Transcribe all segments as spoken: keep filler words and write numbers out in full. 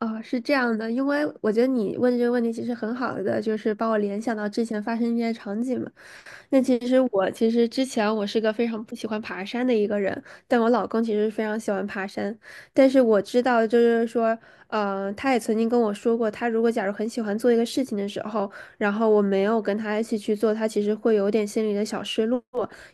哦，是这样的，因为我觉得你问这个问题其实很好的，就是把我联想到之前发生一些场景嘛。那其实我其实之前我是个非常不喜欢爬山的一个人，但我老公其实非常喜欢爬山。但是我知道，就是说，呃，他也曾经跟我说过，他如果假如很喜欢做一个事情的时候，然后我没有跟他一起去做，他其实会有点心里的小失落，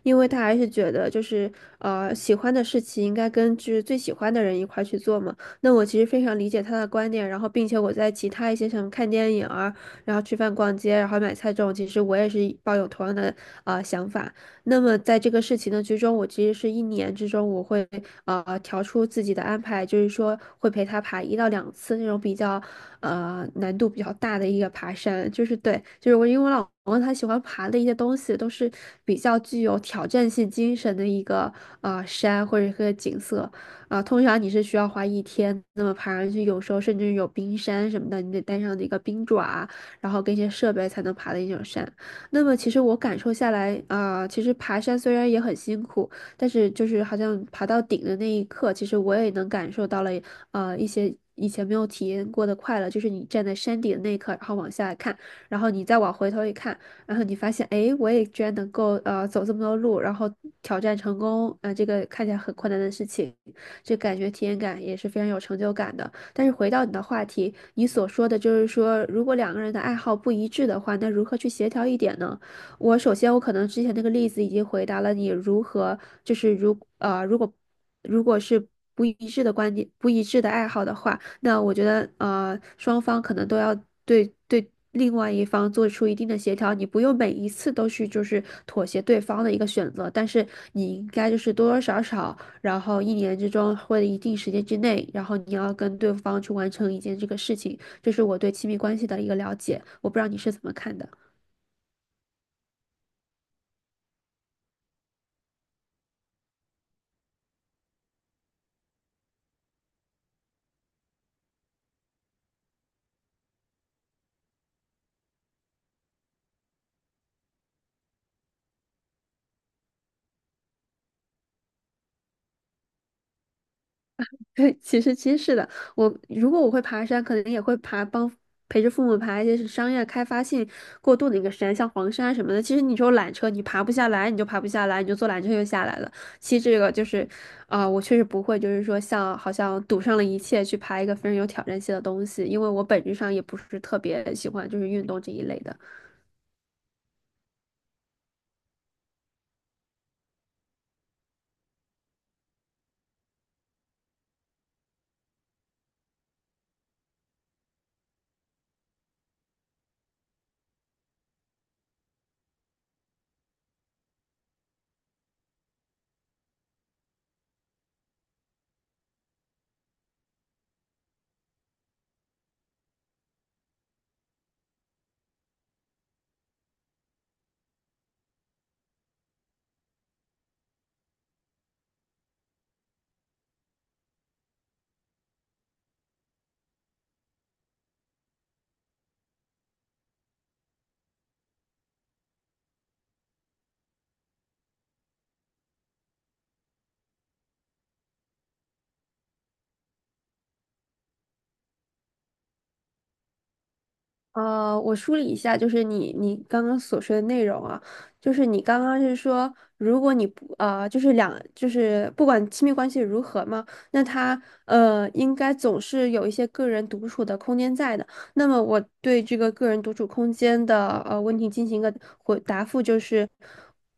因为他还是觉得就是呃喜欢的事情应该跟就是最喜欢的人一块儿去做嘛。那我其实非常理解他的观点，然后并且我在其他一些什么看电影啊，然后吃饭、逛街，然后买菜这种，其实我也是抱有同样的啊想法。那么在这个事情的之中，我其实是一年之中，我会啊调出自己的安排，就是说会陪他爬一到两次那种比较呃难度比较大的一个爬山，就是对，就是我因为我老公他喜欢爬的一些东西都是比较具有挑战性精神的一个啊山或者一个景色。啊，通常你是需要花一天那么爬上去，有时候甚至有冰山什么的，你得带上那个冰爪啊，然后跟一些设备才能爬的一种山。那么其实我感受下来，啊、其实爬山虽然也很辛苦，但是就是好像爬到顶的那一刻，其实我也能感受到了，呃，一些以前没有体验过的快乐，就是你站在山顶的那一刻，然后往下看，然后你再往回头一看。然后你发现，哎，我也居然能够呃走这么多路，然后挑战成功，啊、这个看起来很困难的事情，这感觉体验感也是非常有成就感的。但是回到你的话题，你所说的就是说，如果两个人的爱好不一致的话，那如何去协调一点呢？我首先，我可能之前那个例子已经回答了你如何，就是如呃，如果如果是不一致的观点、不一致的爱好的话，那我觉得呃，双方可能都要对对另外一方做出一定的协调。你不用每一次都去就是妥协对方的一个选择，但是你应该就是多多少少，然后一年之中或者一定时间之内，然后你要跟对方去完成一件这个事情。这是我对亲密关系的一个了解，我不知道你是怎么看的。对，其实其实是的，我如果我会爬山，可能也会爬帮陪着父母爬一些是商业开发性过度的一个山，像黄山什么的。其实你说缆车，你爬不下来，你就爬不下来，你就坐缆车就下来了。其实这个就是，啊、我确实不会，就是说像好像赌上了一切去爬一个非常有挑战性的东西，因为我本质上也不是特别喜欢就是运动这一类的。呃，我梳理一下，就是你你刚刚所说的内容啊，就是你刚刚是说，如果你不呃，就是两就是不管亲密关系如何嘛，那他呃应该总是有一些个人独处的空间在的。那么我对这个个人独处空间的呃问题进行一个回答复，就是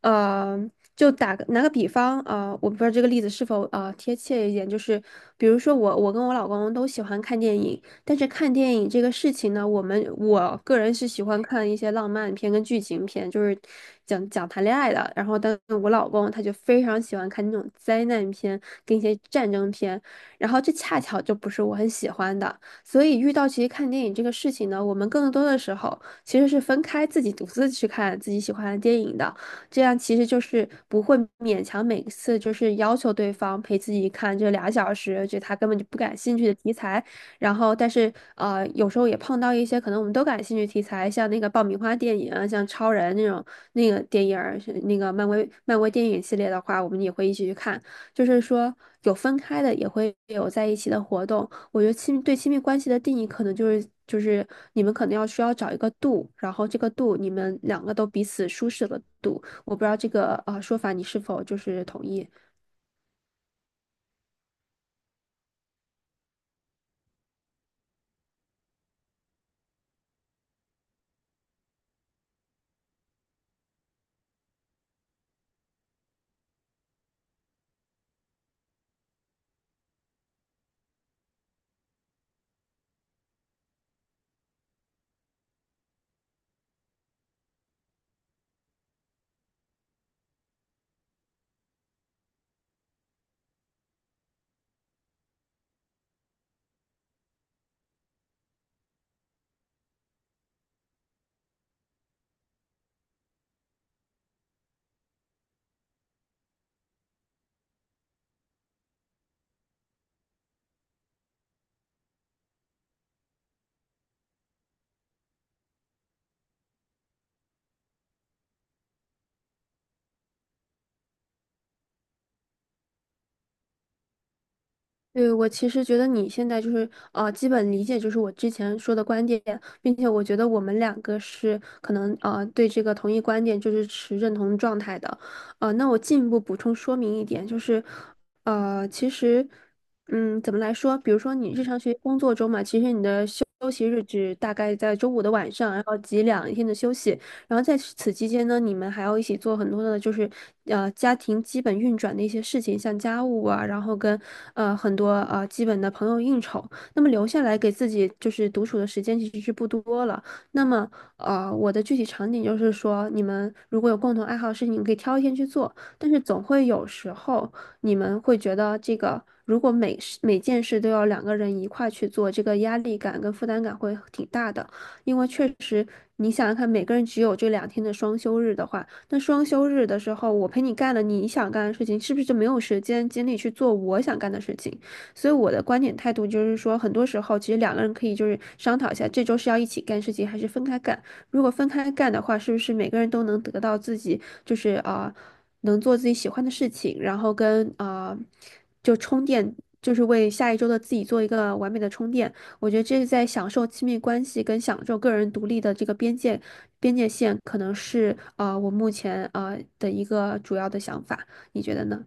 呃，就打个拿个比方啊、呃，我不知道这个例子是否呃贴切一点，就是比如说我我跟我老公都喜欢看电影。但是看电影这个事情呢，我们我个人是喜欢看一些浪漫片跟剧情片，就是讲讲谈恋爱的。然后，但是我老公他就非常喜欢看那种灾难片跟一些战争片，然后这恰巧就不是我很喜欢的。所以遇到其实看电影这个事情呢，我们更多的时候其实是分开自己独自去看自己喜欢的电影的，这样其实就是不会勉强每次就是要求对方陪自己看这俩小时，就他根本就不感兴趣的题材。然后但是呃，有时候也碰到一些可能我们都感兴趣题材，像那个爆米花电影啊，像超人那种那个电影儿，是那个漫威漫威电影系列的话，我们也会一起去看。就是说有分开的，也会有在一起的活动。我觉得亲对亲密关系的定义，可能就是就是你们可能要需要找一个度，然后这个度你们两个都彼此舒适的度。我不知道这个呃说法你是否就是同意。对，我其实觉得你现在就是呃，基本理解就是我之前说的观点，并且我觉得我们两个是可能呃对这个同一观点就是持认同状态的，呃，那我进一步补充说明一点，就是呃，其实嗯，怎么来说？比如说你日常学习工作中嘛，其实你的休休息日只大概在周五的晚上，然后挤两天的休息，然后在此期间呢，你们还要一起做很多的，就是呃家庭基本运转的一些事情，像家务啊，然后跟呃很多呃基本的朋友应酬。那么留下来给自己就是独处的时间其实是不多了。那么呃我的具体场景就是说，你们如果有共同爱好的事情，你可以挑一天去做，但是总会有时候你们会觉得这个。如果每事每件事都要两个人一块去做，这个压力感跟负担感会挺大的。因为确实你想想看，每个人只有这两天的双休日的话，那双休日的时候，我陪你干了你想干的事情，是不是就没有时间精力去做我想干的事情？所以我的观点态度就是说，很多时候其实两个人可以就是商讨一下，这周是要一起干事情，还是分开干？如果分开干的话，是不是每个人都能得到自己就是啊、能做自己喜欢的事情，然后跟啊、就充电，就是为下一周的自己做一个完美的充电。我觉得这是在享受亲密关系跟享受个人独立的这个边界边界线，可能是啊，我目前啊的一个主要的想法。你觉得呢？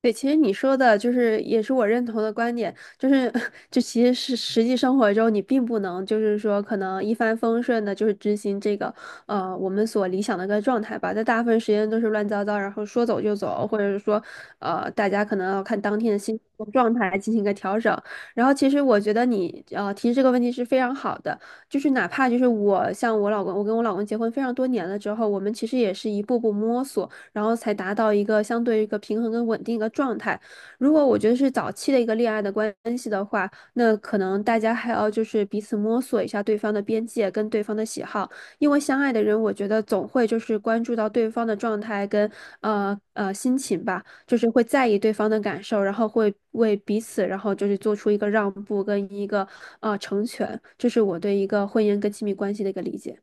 对，其实你说的就是也是我认同的观点，就是 就其实是实际生活中你并不能就是说可能一帆风顺的，就是执行这个呃我们所理想的一个状态吧，在大部分时间都是乱糟糟，然后说走就走，或者是说呃大家可能要看当天的心情和状态来进行一个调整。然后其实我觉得你呃提这个问题是非常好的，就是哪怕就是我像我老公，我跟我老公结婚非常多年了之后，我们其实也是一步步摸索。然后才达到一个相对一个平衡跟稳定一个状态。如果我觉得是早期的一个恋爱的关系的话，那可能大家还要就是彼此摸索一下对方的边界跟对方的喜好，因为相爱的人，我觉得总会就是关注到对方的状态跟呃呃心情吧，就是会在意对方的感受，然后会为彼此，然后就是做出一个让步跟一个呃成全，这是我对一个婚姻跟亲密关系的一个理解。